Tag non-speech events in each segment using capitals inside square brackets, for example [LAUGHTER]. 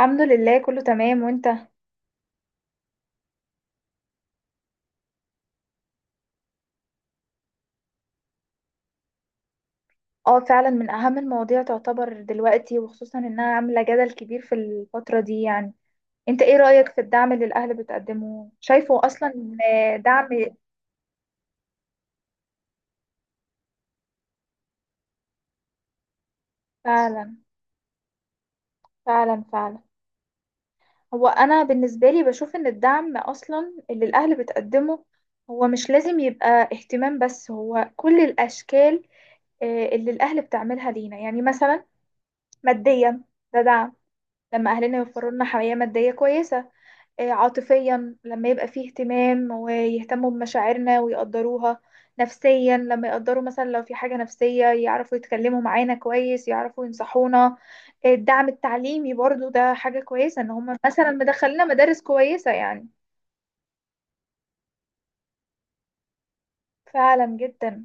الحمد لله كله تمام وانت. اه فعلا من اهم المواضيع تعتبر دلوقتي، وخصوصا انها عاملة جدل كبير في الفترة دي يعني. انت ايه رأيك في الدعم اللي الاهل بتقدمه، شايفه اصلا دعم؟ فعلا فعلا فعلا. هو انا بالنسبة لي بشوف ان الدعم اصلا اللي الاهل بتقدمه هو مش لازم يبقى اهتمام بس، هو كل الاشكال اللي الاهل بتعملها لينا، يعني مثلا ماديا، ده دعم. لما اهلنا يوفروا لنا حماية مادية كويسة، عاطفيا لما يبقى فيه اهتمام ويهتموا بمشاعرنا ويقدروها، نفسيا لما يقدروا مثلا لو في حاجة نفسية يعرفوا يتكلموا معانا كويس يعرفوا ينصحونا، الدعم التعليمي برضو ده حاجة كويسة ان هم مثلا مدخلنا مدارس كويسة يعني. فعلا جدا.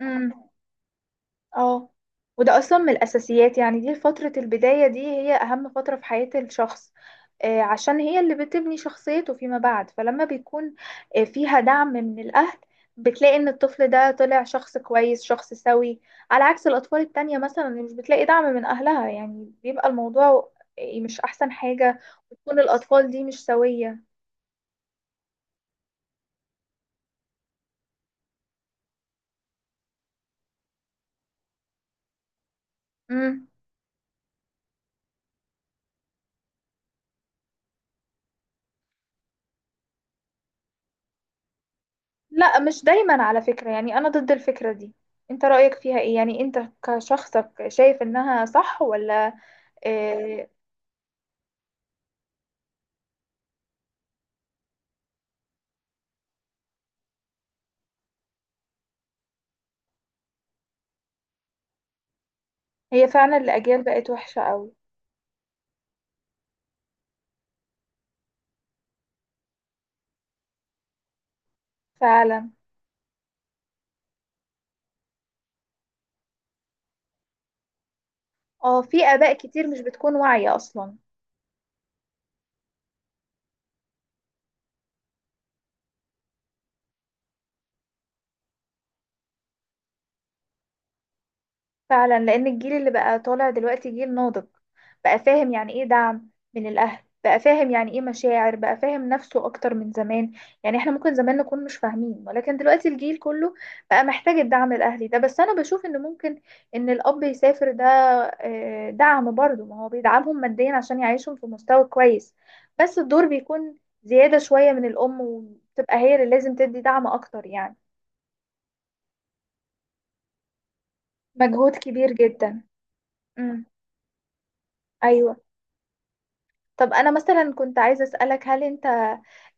مم. اه، وده اصلا من الاساسيات، يعني دي فترة البداية، دي هي اهم فترة في حياة الشخص، عشان هي اللي بتبني شخصيته فيما بعد، فلما بيكون فيها دعم من الاهل، بتلاقي ان الطفل ده طلع شخص كويس شخص سوي، على عكس الاطفال التانية مثلا اللي مش بتلاقي دعم من اهلها، يعني بيبقى الموضوع مش احسن حاجة، وتكون الاطفال دي مش سوية. مم. لا مش دايما على فكرة، يعني أنا ضد الفكرة دي. أنت رأيك فيها إيه؟ يعني أنت كشخصك شايف إنها صح ولا إيه؟ هي فعلا الأجيال بقت وحشة أوي. فعلا. اه في آباء كتير مش بتكون واعية أصلا. فعلا، لان الجيل اللي بقى طالع دلوقتي جيل ناضج، بقى فاهم يعني ايه دعم من الاهل، بقى فاهم يعني ايه مشاعر، بقى فاهم نفسه اكتر من زمان. يعني احنا ممكن زمان نكون مش فاهمين، ولكن دلوقتي الجيل كله بقى محتاج الدعم الاهلي ده. بس انا بشوف ان ممكن ان الاب يسافر ده دعم برضه، ما هو بيدعمهم ماديا عشان يعيشهم في مستوى كويس، بس الدور بيكون زيادة شوية من الام، وتبقى هي اللي لازم تدي دعم اكتر يعني مجهود كبير جدا. امم. ايوه. طب انا مثلا كنت عايزه اسالك، هل انت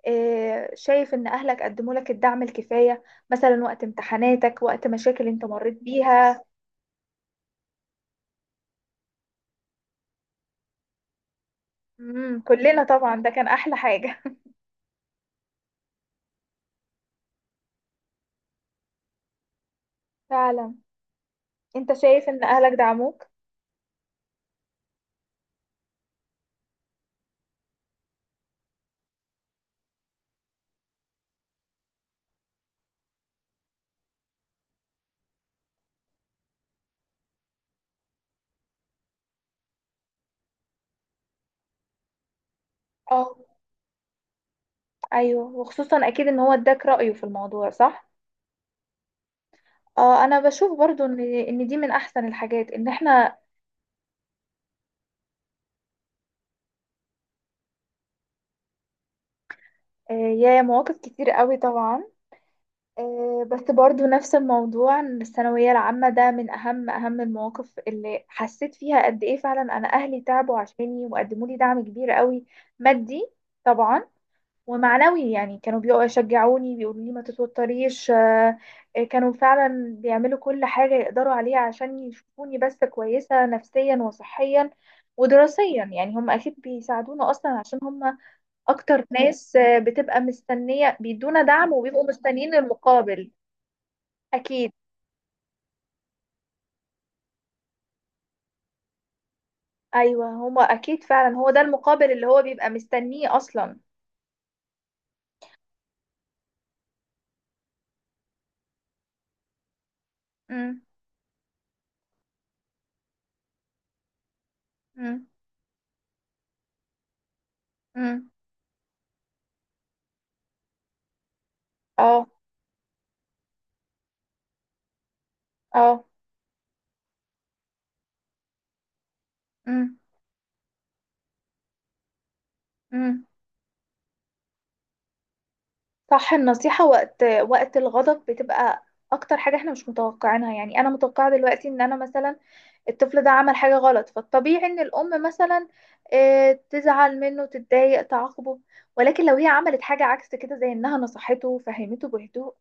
شايف ان اهلك قدموا لك الدعم الكفايه، مثلا وقت امتحاناتك وقت مشاكل انت مريت بيها؟ امم، كلنا طبعا ده كان احلى حاجه. [LAUGHS] فعلا. انت شايف ان اهلك دعموك؟ اه، ايوه، وخصوصا اكيد ان هو اداك رايه في الموضوع صح. اه، انا بشوف برضو ان ان دي من احسن الحاجات ان احنا يا مواقف كتير قوي طبعا. بس برضو نفس الموضوع إن الثانوية العامة ده من أهم أهم المواقف اللي حسيت فيها قد إيه فعلا أنا أهلي تعبوا عشاني وقدموا لي دعم كبير قوي. مادي طبعا، ومعنوي، يعني كانوا بيقعدوا يشجعوني بيقولوا لي ما تتوتريش كانوا فعلا بيعملوا كل حاجة يقدروا عليها عشان يشوفوني بس كويسة نفسيا وصحيا ودراسيا. يعني هم أكيد بيساعدونا أصلا عشان هم أكتر ناس بتبقى مستنية بيدونا دعم، وبيبقوا مستنيين المقابل. اكيد. ايوه هما اكيد فعلا هو ده المقابل اللي هو بيبقى مستنيه اصلا. امم. امم. امم. اه. اه. امم. امم. صح. النصيحه وقت الغضب بتبقى اكتر حاجه احنا مش متوقعينها، يعني انا متوقعه دلوقتي ان انا مثلا الطفل ده عمل حاجه غلط، فالطبيعي ان الام مثلا تزعل منه تتضايق تعاقبه، ولكن لو هي عملت حاجه عكس كده زي انها نصحته وفهمته بهدوء،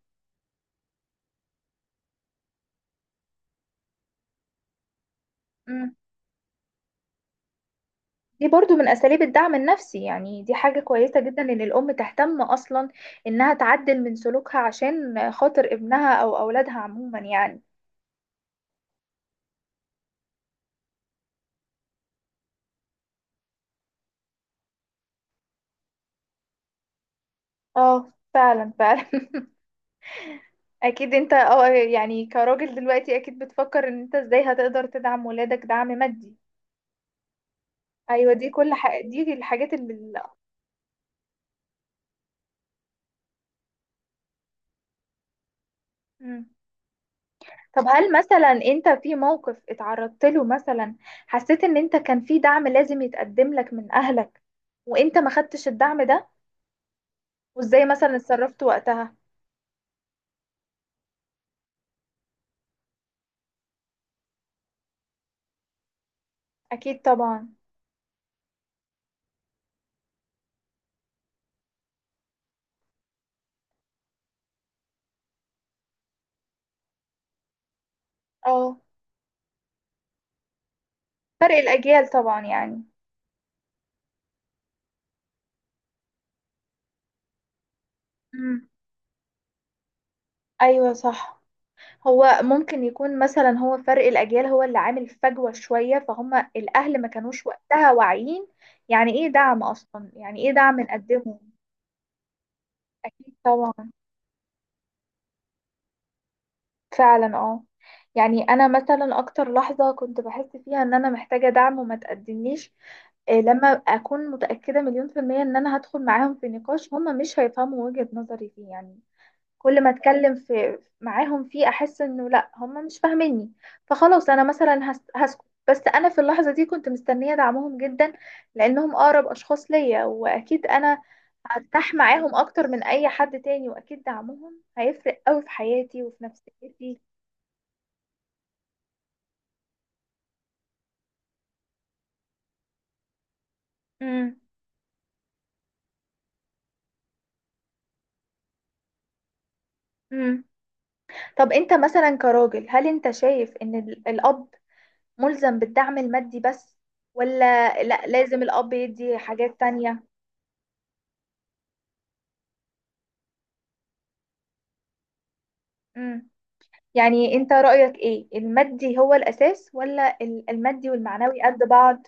دي برضو من أساليب الدعم النفسي. يعني دي حاجة كويسة جدا إن الأم تهتم أصلا إنها تعدل من سلوكها عشان خاطر ابنها أو أولادها عموما يعني. اه فعلا فعلا. [LAUGHS] أكيد. أنت اه يعني كراجل دلوقتي أكيد بتفكر إن أنت إزاي هتقدر تدعم ولادك دعم مادي. أيوة دي كل حاجة، دي الحاجات اللي مم. طب هل مثلا أنت في موقف اتعرضت له مثلا، حسيت إن أنت كان في دعم لازم يتقدم لك من أهلك وأنت ما خدتش الدعم ده، وازاي مثلا اتصرفت وقتها؟ اكيد طبعا. اه فرق الاجيال طبعا يعني. امم. ايوه صح. هو ممكن يكون مثلا هو فرق الاجيال هو اللي عامل فجوة شوية، فهم الاهل ما كانوش وقتها واعيين يعني ايه دعم اصلا، يعني ايه دعم نقدمه. اكيد طبعا. فعلا اه. يعني انا مثلا اكتر لحظة كنت بحس فيها ان انا محتاجة دعم وما تقدمليش لما اكون متأكدة مليون في المية ان انا هدخل معاهم في نقاش هما مش هيفهموا وجهة نظري فيه يعني. كل ما اتكلم في معاهم فيه احس انه لا هم مش فاهميني، فخلاص انا مثلا هسكت، بس انا في اللحظه دي كنت مستنيه دعمهم جدا، لانهم اقرب اشخاص ليا، واكيد انا هرتاح معاهم اكتر من اي حد تاني، واكيد دعمهم هيفرق قوي في حياتي وفي نفسيتي. امم. امم. طب انت مثلا كراجل، هل انت شايف ان الاب ملزم بالدعم المادي بس، ولا لا لازم الاب يدي حاجات تانية؟ يعني انت رأيك ايه، المادي هو الأساس، ولا المادي والمعنوي قد بعض؟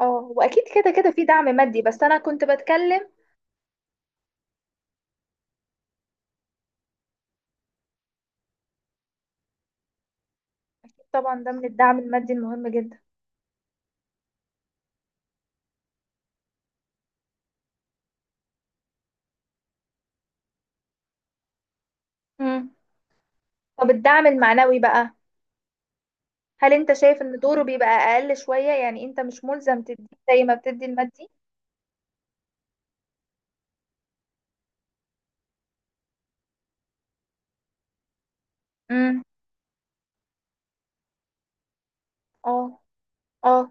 اه واكيد كده كده في دعم مادي، بس انا كنت بتكلم. اكيد طبعا ده من الدعم المادي المهم جدا. مم. طب الدعم المعنوي بقى، هل انت شايف ان دوره بيبقى اقل شوية، يعني انت مش ملزم تدي زي ما بتدي المادي؟ امم. اه. اه.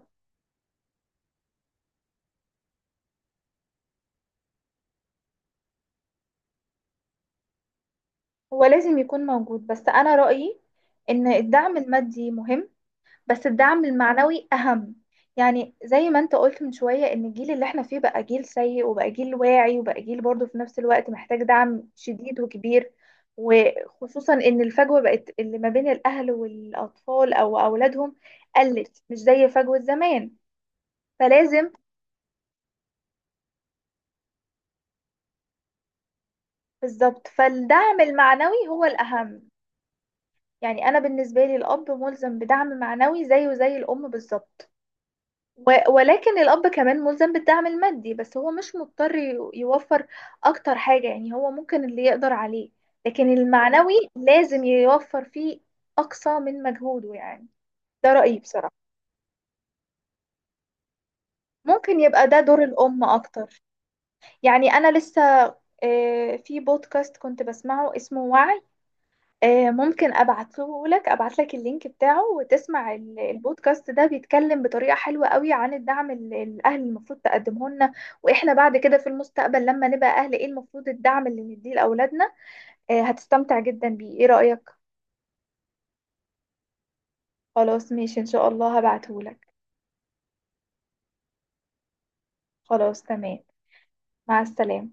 هو لازم يكون موجود، بس انا رأيي ان الدعم المادي مهم، بس الدعم المعنوي أهم. يعني زي ما انت قلت من شوية ان الجيل اللي احنا فيه بقى جيل سيء وبقى جيل واعي وبقى جيل برضه في نفس الوقت محتاج دعم شديد وكبير، وخصوصا ان الفجوة بقت اللي ما بين الاهل والاطفال او اولادهم قلت مش زي فجوة زمان، فلازم بالظبط. فالدعم المعنوي هو الأهم. يعني انا بالنسبة لي الاب ملزم بدعم معنوي زيه زي الام بالظبط، و- ولكن الأب كمان ملزم بالدعم المادي، بس هو مش مضطر يوفر أكتر حاجة، يعني هو ممكن اللي يقدر عليه، لكن المعنوي لازم يوفر فيه أقصى من مجهوده يعني. ده رأيي بصراحة. ممكن يبقى ده دور الأم أكتر. يعني أنا لسه في بودكاست كنت بسمعه اسمه وعي، ممكن ابعته لك ابعت لك اللينك بتاعه وتسمع البودكاست ده، بيتكلم بطريقة حلوة قوي عن الدعم اللي الاهل المفروض تقدمه لنا، واحنا بعد كده في المستقبل لما نبقى اهل ايه المفروض الدعم اللي نديه لاولادنا. هتستمتع جدا بيه، ايه رأيك؟ خلاص ماشي ان شاء الله هبعته لك. خلاص تمام. مع السلامة.